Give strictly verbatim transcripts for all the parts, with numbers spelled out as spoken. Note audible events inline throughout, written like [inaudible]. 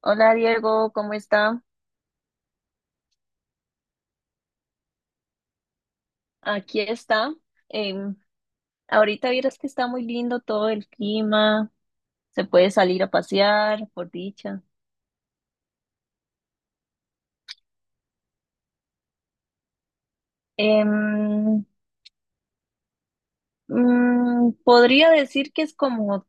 Hola Diego, ¿cómo está? Aquí está. Em, Ahorita vieras que está muy lindo todo el clima, se puede salir a pasear, por dicha. Em, mm, Podría decir que es como,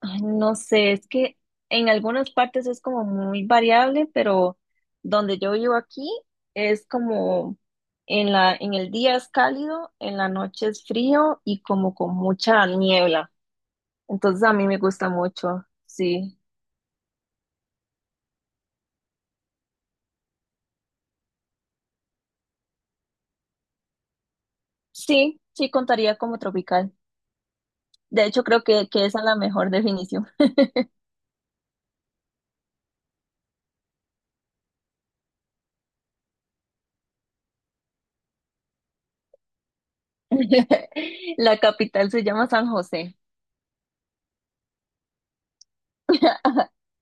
ay, no sé, es que en algunas partes es como muy variable, pero donde yo vivo aquí es como en la, en el día es cálido, en la noche es frío y como con mucha niebla. Entonces a mí me gusta mucho, sí. Sí, sí contaría como tropical. De hecho, creo que, que esa es la mejor definición. [laughs] La capital se llama San José. [laughs]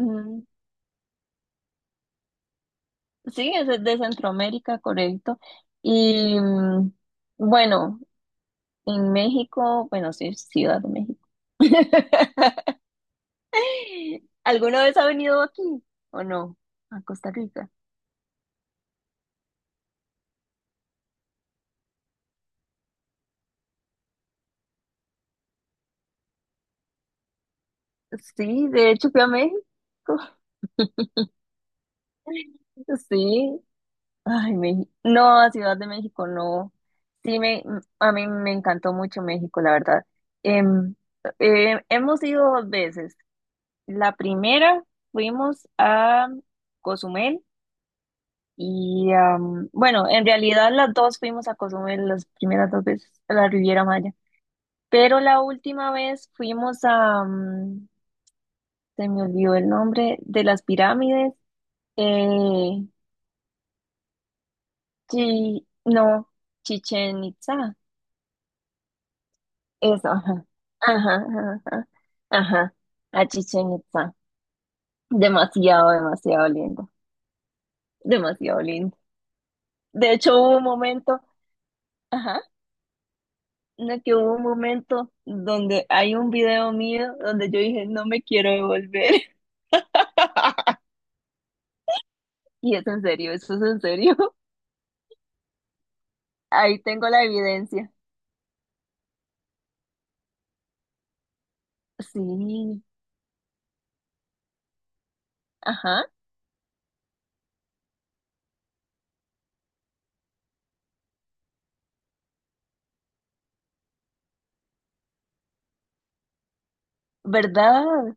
Mm, sí, es de de Centroamérica, correcto. Y mm, bueno, en México, bueno, sí, Ciudad de México. [laughs] ¿Alguna vez ha venido aquí o no? A Costa Rica. Sí, de hecho fui a México. [laughs] Sí, ay, México. No, a Ciudad de México no. Sí, me, m- a mí me encantó mucho México, la verdad. Em, em, Hemos ido dos veces. La primera fuimos a Cozumel y, am, bueno, en realidad las dos fuimos a Cozumel las primeras dos veces, a la Riviera Maya. Pero la última vez fuimos a, am, se me olvidó el nombre, de las pirámides. Eh, Chi- no, Chichen Itza. Eso, ajá. Ajá, ajá, ajá. Ajá. A Chichén Itzá. Demasiado, demasiado lindo. Demasiado lindo. De hecho, hubo un momento, ajá, no, que hubo un momento donde hay un video mío donde yo dije, no me quiero devolver. [laughs] Y es en serio, eso es en serio. Ahí tengo la evidencia. Sí, ajá, ¿verdad?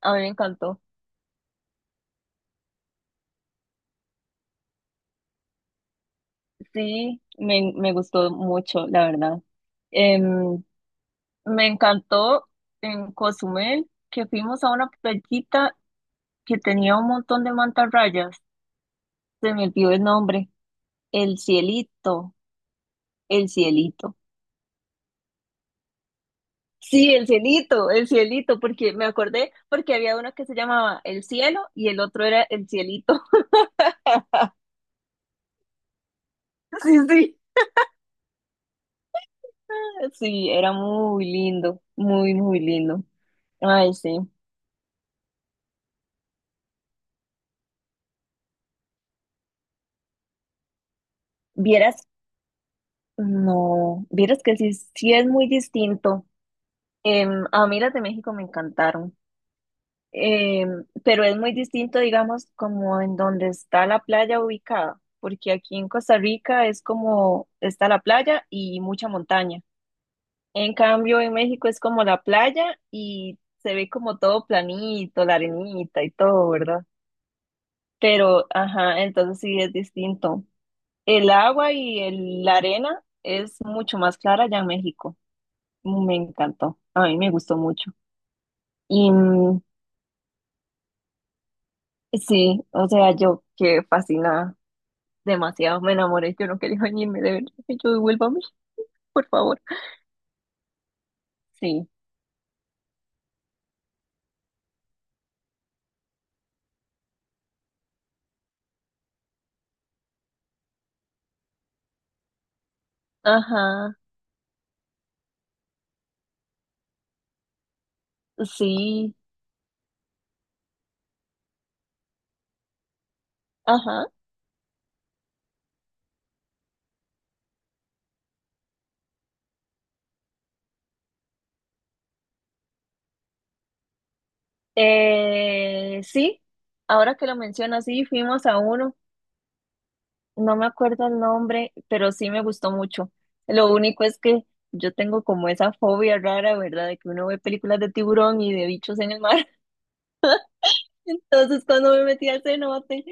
A mí me encantó. Sí, me, me gustó mucho, la verdad. Em, Me encantó en Cozumel que fuimos a una playita que tenía un montón de mantarrayas. Se me olvidó el nombre. El cielito, el cielito. Sí, el cielito, el cielito, porque me acordé porque había uno que se llamaba El cielo y el otro era El cielito. [laughs] Sí, sí. Sí, era muy lindo, muy, muy lindo. Ay, sí. Vieras, no, vieras que sí, sí es muy distinto. Em, a mí las de México me encantaron. Eh, pero es muy distinto, digamos, como en donde está la playa ubicada, porque aquí en Costa Rica es como está la playa y mucha montaña. En cambio, en México es como la playa y se ve como todo planito, la arenita y todo, ¿verdad? Pero, ajá, entonces sí es distinto. El agua y el- la arena es mucho más clara allá en México. Me encantó, a mí me gustó mucho. Y mm, sí, o sea, yo quedé fascinada. Demasiado me enamoré, yo no quería venirme de verdad. Y yo, devuélvame, por favor. Sí, ajá, sí, ajá. Eh, sí, ahora que lo mencionas, sí, fuimos a uno, no me acuerdo el nombre, pero sí me gustó mucho. Lo único es que yo tengo como esa fobia rara, ¿verdad? De que uno ve películas de tiburón y de bichos en el mar. Entonces, cuando me metí al cenote,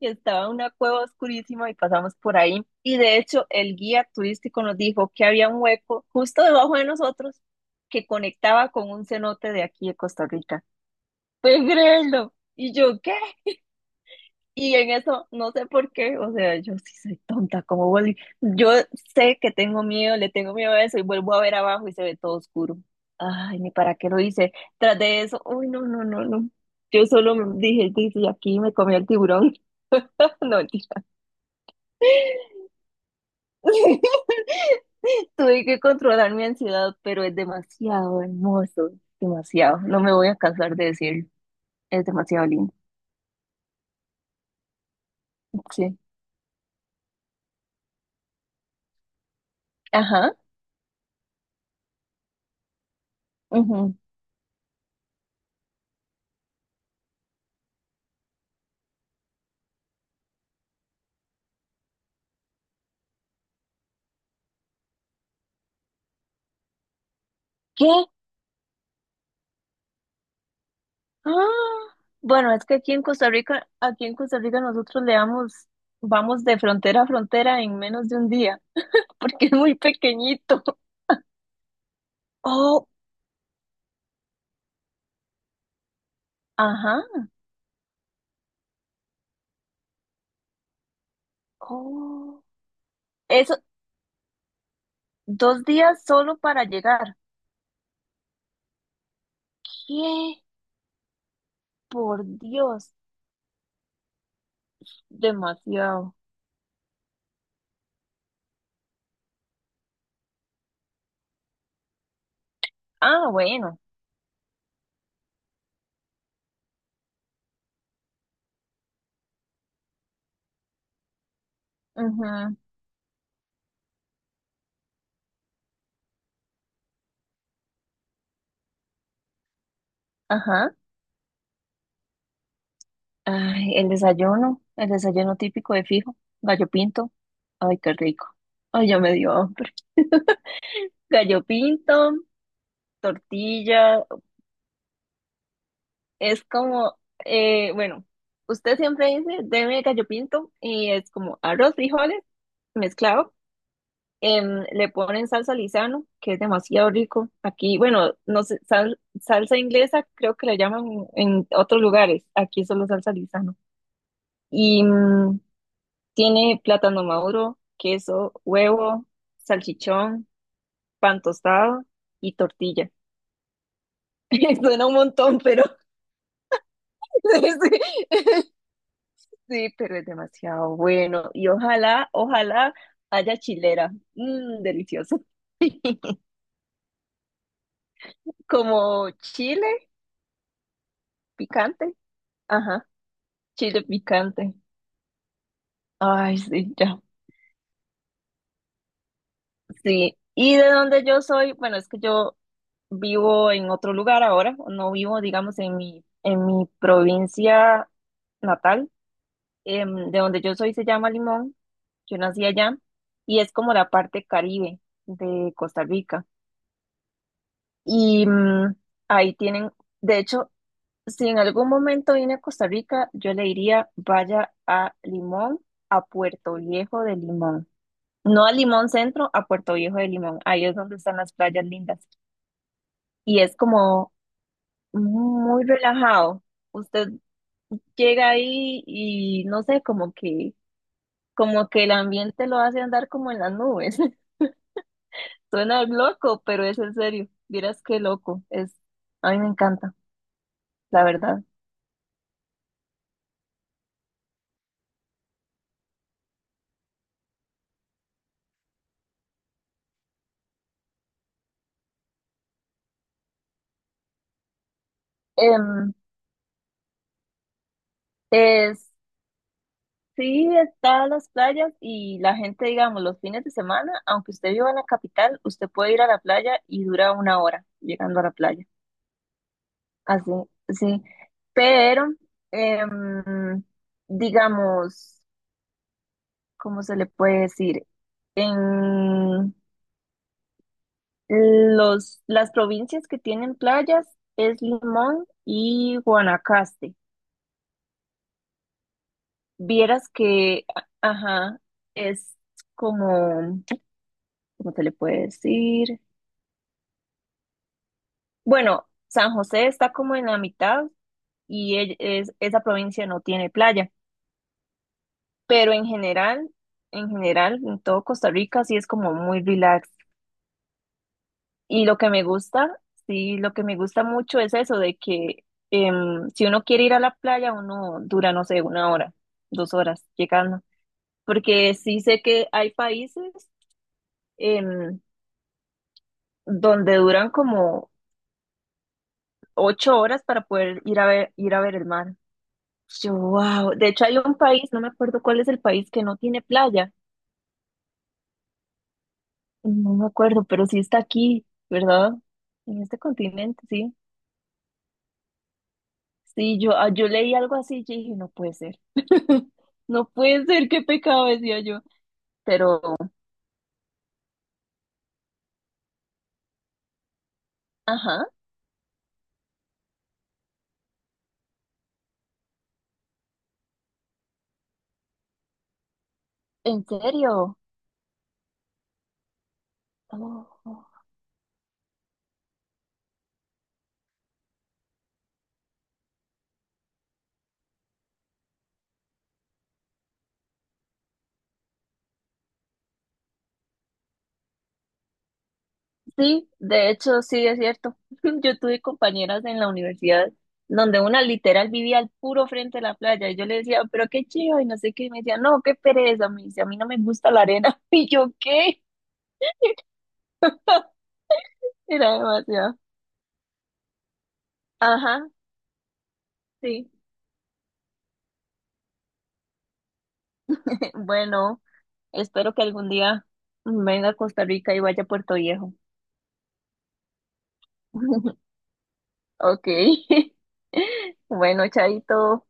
estaba una cueva oscurísima y pasamos por ahí. Y de hecho, el guía turístico nos dijo que había un hueco justo debajo de nosotros que conectaba con un cenote de aquí de Costa Rica. ¿Puedes creerlo? Y yo, ¿qué? Y en eso, no sé por qué, o sea, yo sí soy tonta, como vuelvo. Yo sé que tengo miedo, le tengo miedo a eso y vuelvo a ver abajo y se ve todo oscuro. Ay, ni para qué lo hice. Tras de eso, uy, no, no, no, no. Yo solo me dije, dice, y aquí me comí el tiburón. [laughs] No, mentira. [laughs] Tuve que controlar mi ansiedad, pero es demasiado hermoso, demasiado. No me voy a cansar de decirlo. Es demasiado lindo. Sí. Ajá. Ujú. ¿Qué? Ah, bueno, es que aquí en Costa Rica, aquí en Costa Rica nosotros le damos, vamos de frontera a frontera en menos de un día, [laughs] porque es muy pequeñito. Oh, ajá. Oh, eso, dos días solo para llegar. ¿Qué? Por Dios, demasiado. Ah, bueno. Ujú, ajá. Ay, el desayuno, el desayuno típico de fijo, gallo pinto. Ay, qué rico. Ay, ya me dio hambre. Gallo pinto, tortilla. Es como, eh, bueno, usted siempre dice, deme gallo pinto, y es como arroz, frijoles, mezclado. Em, le ponen salsa Lizano, que es demasiado rico. Aquí, bueno, no sé, sal- salsa inglesa creo que la llaman en otros lugares. Aquí solo salsa Lizano. Y mm, tiene plátano maduro, queso, huevo, salchichón, pan tostado y tortilla. [laughs] Suena un montón, pero [laughs] sí, sí, pero es demasiado bueno. Y ojalá, ojalá haya chilera. Mm, delicioso. [laughs] Como chile picante. Ajá, chile picante. Ay, sí, ya. Sí. Y de donde yo soy, bueno, es que yo vivo en otro lugar ahora. No vivo, digamos, en mi, en mi provincia natal. Em, de donde yo soy se llama Limón. Yo nací allá. Y es como la parte Caribe de Costa Rica. Y mm, ahí tienen, de hecho, si en algún momento viene a Costa Rica, yo le diría vaya a Limón, a Puerto Viejo de Limón. No a Limón Centro, a Puerto Viejo de Limón. Ahí es donde están las playas lindas. Y es como muy relajado. Usted llega ahí y no sé, como que, como que el ambiente lo hace andar como en las nubes. [laughs] Suena loco, pero es en serio. Vieras qué loco es. A mí me encanta, la verdad. Em, Es, sí, están las playas y la gente, digamos, los fines de semana, aunque usted viva en la capital, usted puede ir a la playa y dura una hora llegando a la playa. Así, sí. Pero, em, digamos, ¿cómo se le puede decir? En los, las provincias que tienen playas es Limón y Guanacaste. Vieras que, a- ajá, es como... ¿Cómo se le puede decir? Bueno, San José está como en la mitad y e- es- esa provincia no tiene playa, pero en general, en general, en todo Costa Rica sí es como muy relax. Y lo que me gusta, sí, lo que me gusta mucho es eso de que em, si uno quiere ir a la playa, uno dura, no sé, una hora, dos horas llegando, porque sí sé que hay países em, donde duran como ocho horas para poder ir a ver, ir a ver el mar. Yo, wow. De hecho, hay un país, no me acuerdo cuál es el país que no tiene playa. No me acuerdo, pero sí está aquí, ¿verdad? En este continente, sí. Sí, yo, ah, yo leí algo así y dije, no puede ser. [laughs] No puede ser, qué pecado, decía yo. Pero, ajá, ¿en serio? Oh. Sí, de hecho, sí es cierto. [laughs] Yo tuve compañeras en la universidad donde una literal vivía al puro frente de la playa y yo le decía, pero qué chido y no sé qué, y me decía, no, qué pereza, me dice, a mí no me gusta la arena. [laughs] Y yo, ¿qué? [laughs] Era demasiado. Ajá, sí. [laughs] Bueno, espero que algún día venga a Costa Rica y vaya a Puerto Viejo. [laughs] Ok. [laughs] Bueno, chaito.